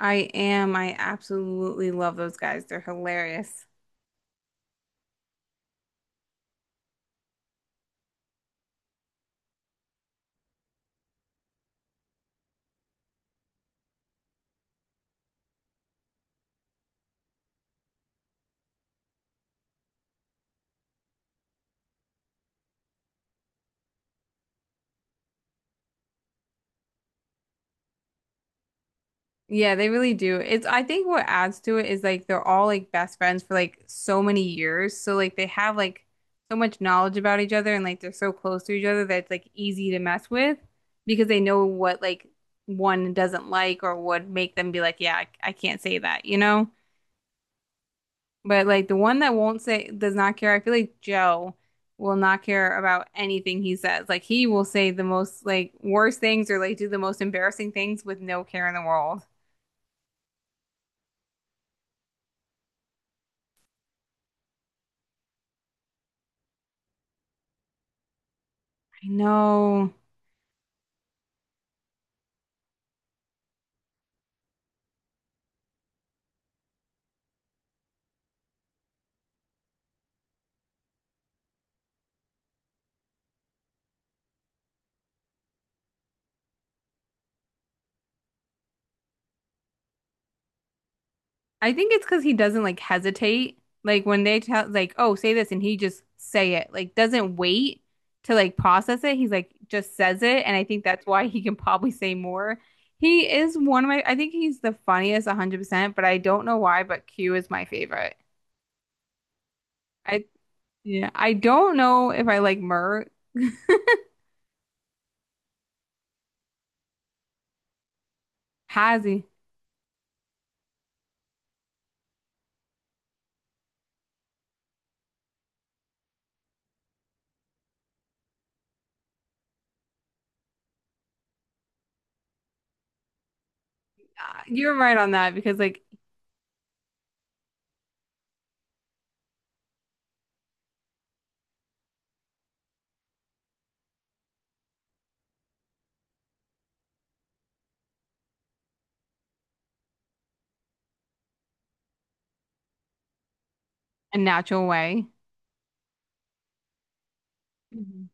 I am. I absolutely love those guys. They're hilarious. Yeah, they really do. It's I think what adds to it is like they're all like best friends for like so many years. So like they have like so much knowledge about each other and like they're so close to each other that it's like easy to mess with because they know what like one doesn't like or would make them be like, yeah, I can't say that, you know? But like the one that won't say does not care, I feel like Joe will not care about anything he says. Like he will say the most like worst things or like do the most embarrassing things with no care in the world. I know. I think it's because he doesn't like hesitate. Like when they tell like, oh, say this and he just say it. Like doesn't wait to like process it. He's like just says it. And I think that's why he can probably say more. He is one of my, I think he's the funniest 100%, but I don't know why, but Q is my favorite. I Yeah, I don't know if I like Mur has You're right on that because like a natural way. Mhm.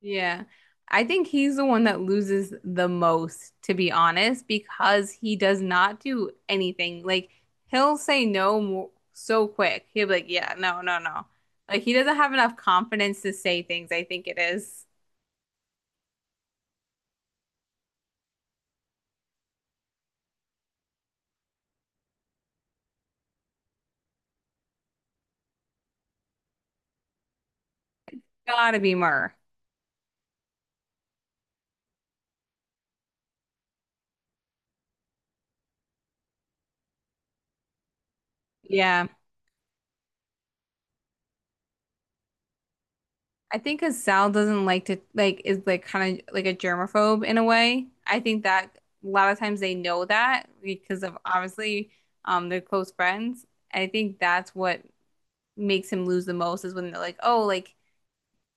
Yeah. I think he's the one that loses the most, to be honest, because he does not do anything. Like he'll say no more, so quick. He'll be like, "Yeah, no, no, no." Like he doesn't have enough confidence to say things, I think it is. Gotta be Mur. Yeah. I think because Sal doesn't like to like is like kind of like a germaphobe in a way. I think that a lot of times they know that because of obviously they're close friends. I think that's what makes him lose the most is when they're like, oh, like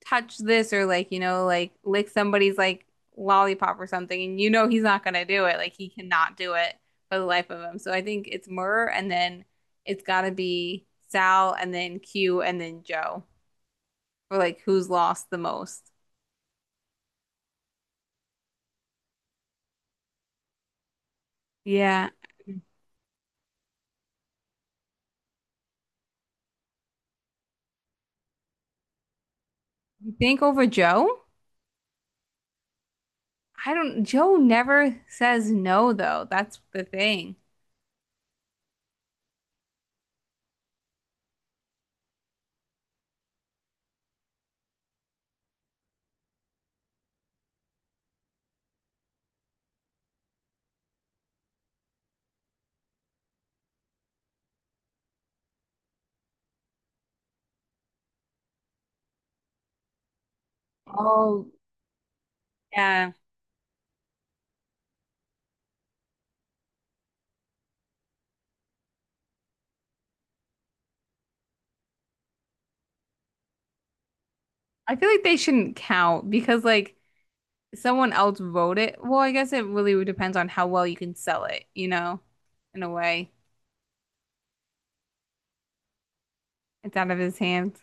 touch this or like you know like lick somebody's like lollipop or something, and you know he's not gonna do it. Like he cannot do it for the life of him. So I think it's Murr and then it's gotta be Sal and then Q and then Joe for like who's lost the most. Yeah. You think over Joe? I don't, Joe never says no, though. That's the thing. Oh, Yeah. I feel like they shouldn't count because, like, someone else wrote it. Well, I guess it really depends on how well you can sell it, you know, in a way. It's out of his hands.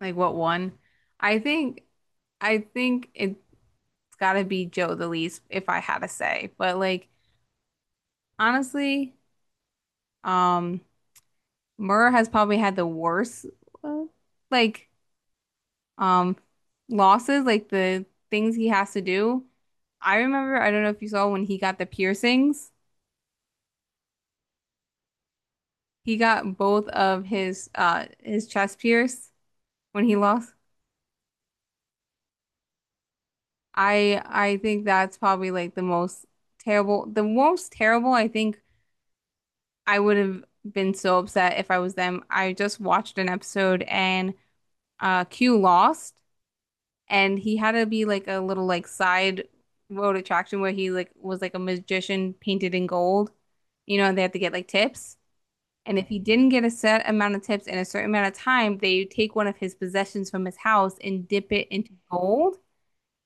Like, what one? I think, I think it's gotta be Joe the least if I had to say. But, like, honestly, um, Murr has probably had the worst, uh, like, um losses, like the things he has to do. I remember, I don't know if you saw when he got the piercings. He got both of his chest pierced when he lost. I think that's probably like the most the most terrible. I think I would have been so upset if I was them. I just watched an episode and Q lost and he had to be like a little like side road attraction where he like was like a magician painted in gold, you know, and they had to get like tips. And if he didn't get a set amount of tips in a certain amount of time, they take one of his possessions from his house and dip it into gold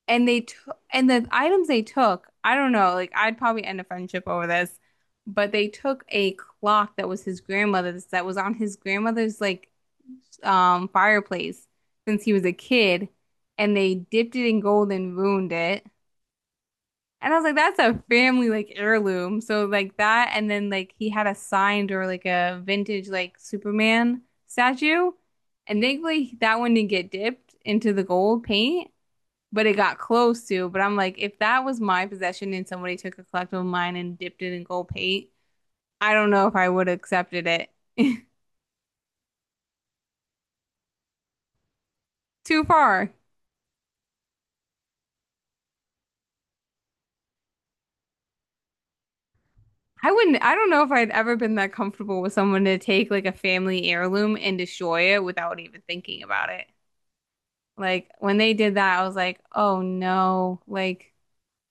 and they took and the items they took, I don't know, like I'd probably end a friendship over this, but they took a clock that was his grandmother's that was on his grandmother's like fireplace since he was a kid and they dipped it in gold and ruined it. And I was like, that's a family like heirloom. So like that and then like he had a signed or like a vintage like Superman statue. And thankfully that one didn't get dipped into the gold paint but it got close to. But I'm like, if that was my possession and somebody took a collectible of mine and dipped it in gold paint, I don't know if I would have accepted it. Too far. I don't know if I'd ever been that comfortable with someone to take like a family heirloom and destroy it without even thinking about it. Like when they did that, I was like, oh no. Like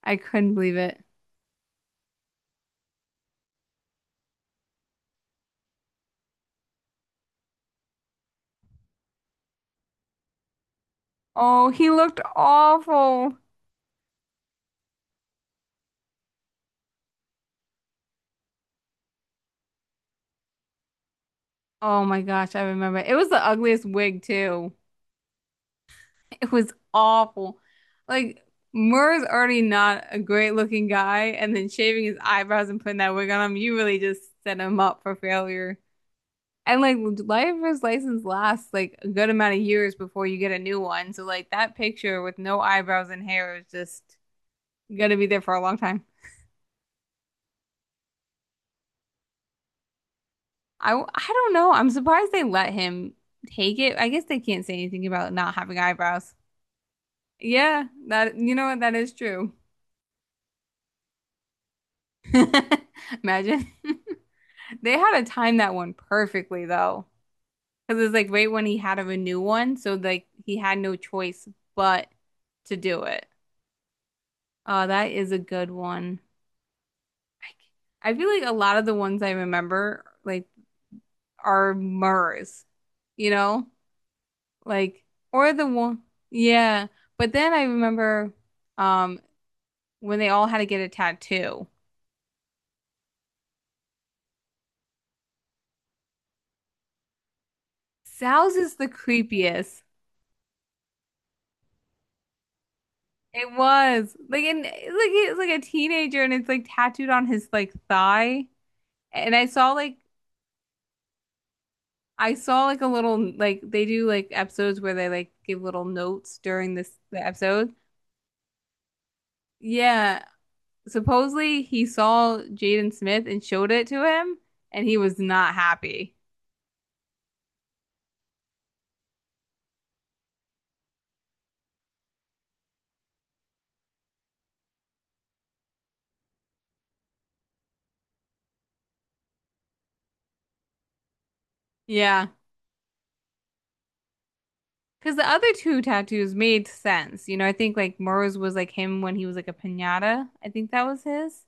I couldn't believe it. Oh, he looked awful. Oh my gosh, I remember. It was the ugliest wig too. It was awful. Like Murr's already not a great looking guy, and then shaving his eyebrows and putting that wig on him, you really just set him up for failure. And like driver's license lasts like a good amount of years before you get a new one. So like that picture with no eyebrows and hair is just gonna be there for a long time. I don't know. I'm surprised they let him take it. I guess they can't say anything about not having eyebrows. Yeah, that you know what, that is true. Imagine. They had to time that one perfectly though. Because it's like right when he had of a new one, so like he had no choice but to do it. Oh, that is a good one. I c- I feel like a lot of the ones I remember like are Murs, you know? Like or the one yeah. But then I remember um when they all had to get a tattoo. Sal's is the creepiest. It was like and like he's like a teenager and it's like tattooed on his like thigh. And I saw like a little like they do like episodes where they like give little notes during this the episode. Yeah. Supposedly he saw Jaden Smith and showed it to him and he was not happy. Yeah. Because the other two tattoos made sense. You know, I think like Murs was like him when he was like a piñata. I think that was his.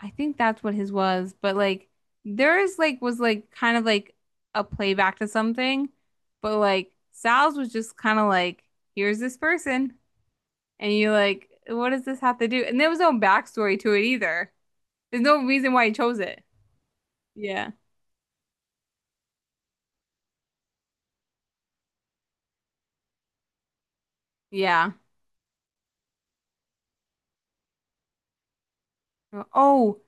I think that's what his was, but like theirs like was like kind of like a playback to something, but like Sal's was just kind of like, here's this person, and you're like, what does this have to do? And there was no backstory to it either. There's no reason why he chose it. Yeah. Yeah. Oh,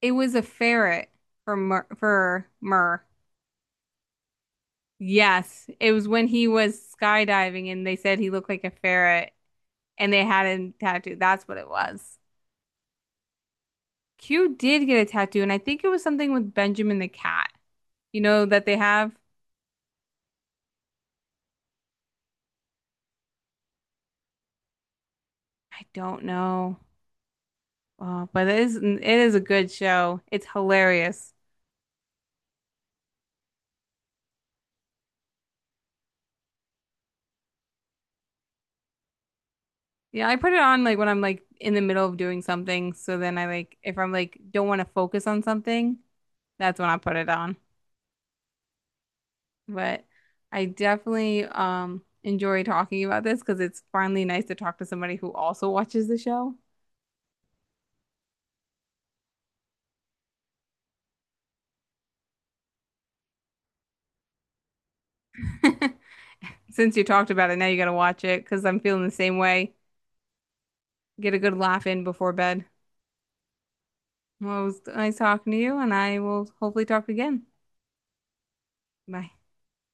it was a ferret for Mur. Yes, it was when he was skydiving and they said he looked like a ferret and they had him tattooed. That's what it was. Q did get a tattoo, and I think it was something with Benjamin the Cat. You know that they have? I don't know. But it is a good show. It's hilarious. Yeah, I put it on like when I'm like in the middle of doing something. So then I like if I'm like don't want to focus on something, that's when I put it on. But I definitely enjoy talking about this because it's finally nice to talk to somebody who also watches the show. Since you talked about it, now you got to watch it because I'm feeling the same way. Get a good laugh in before bed. Well, it was nice talking to you, and I will hopefully talk again. Bye.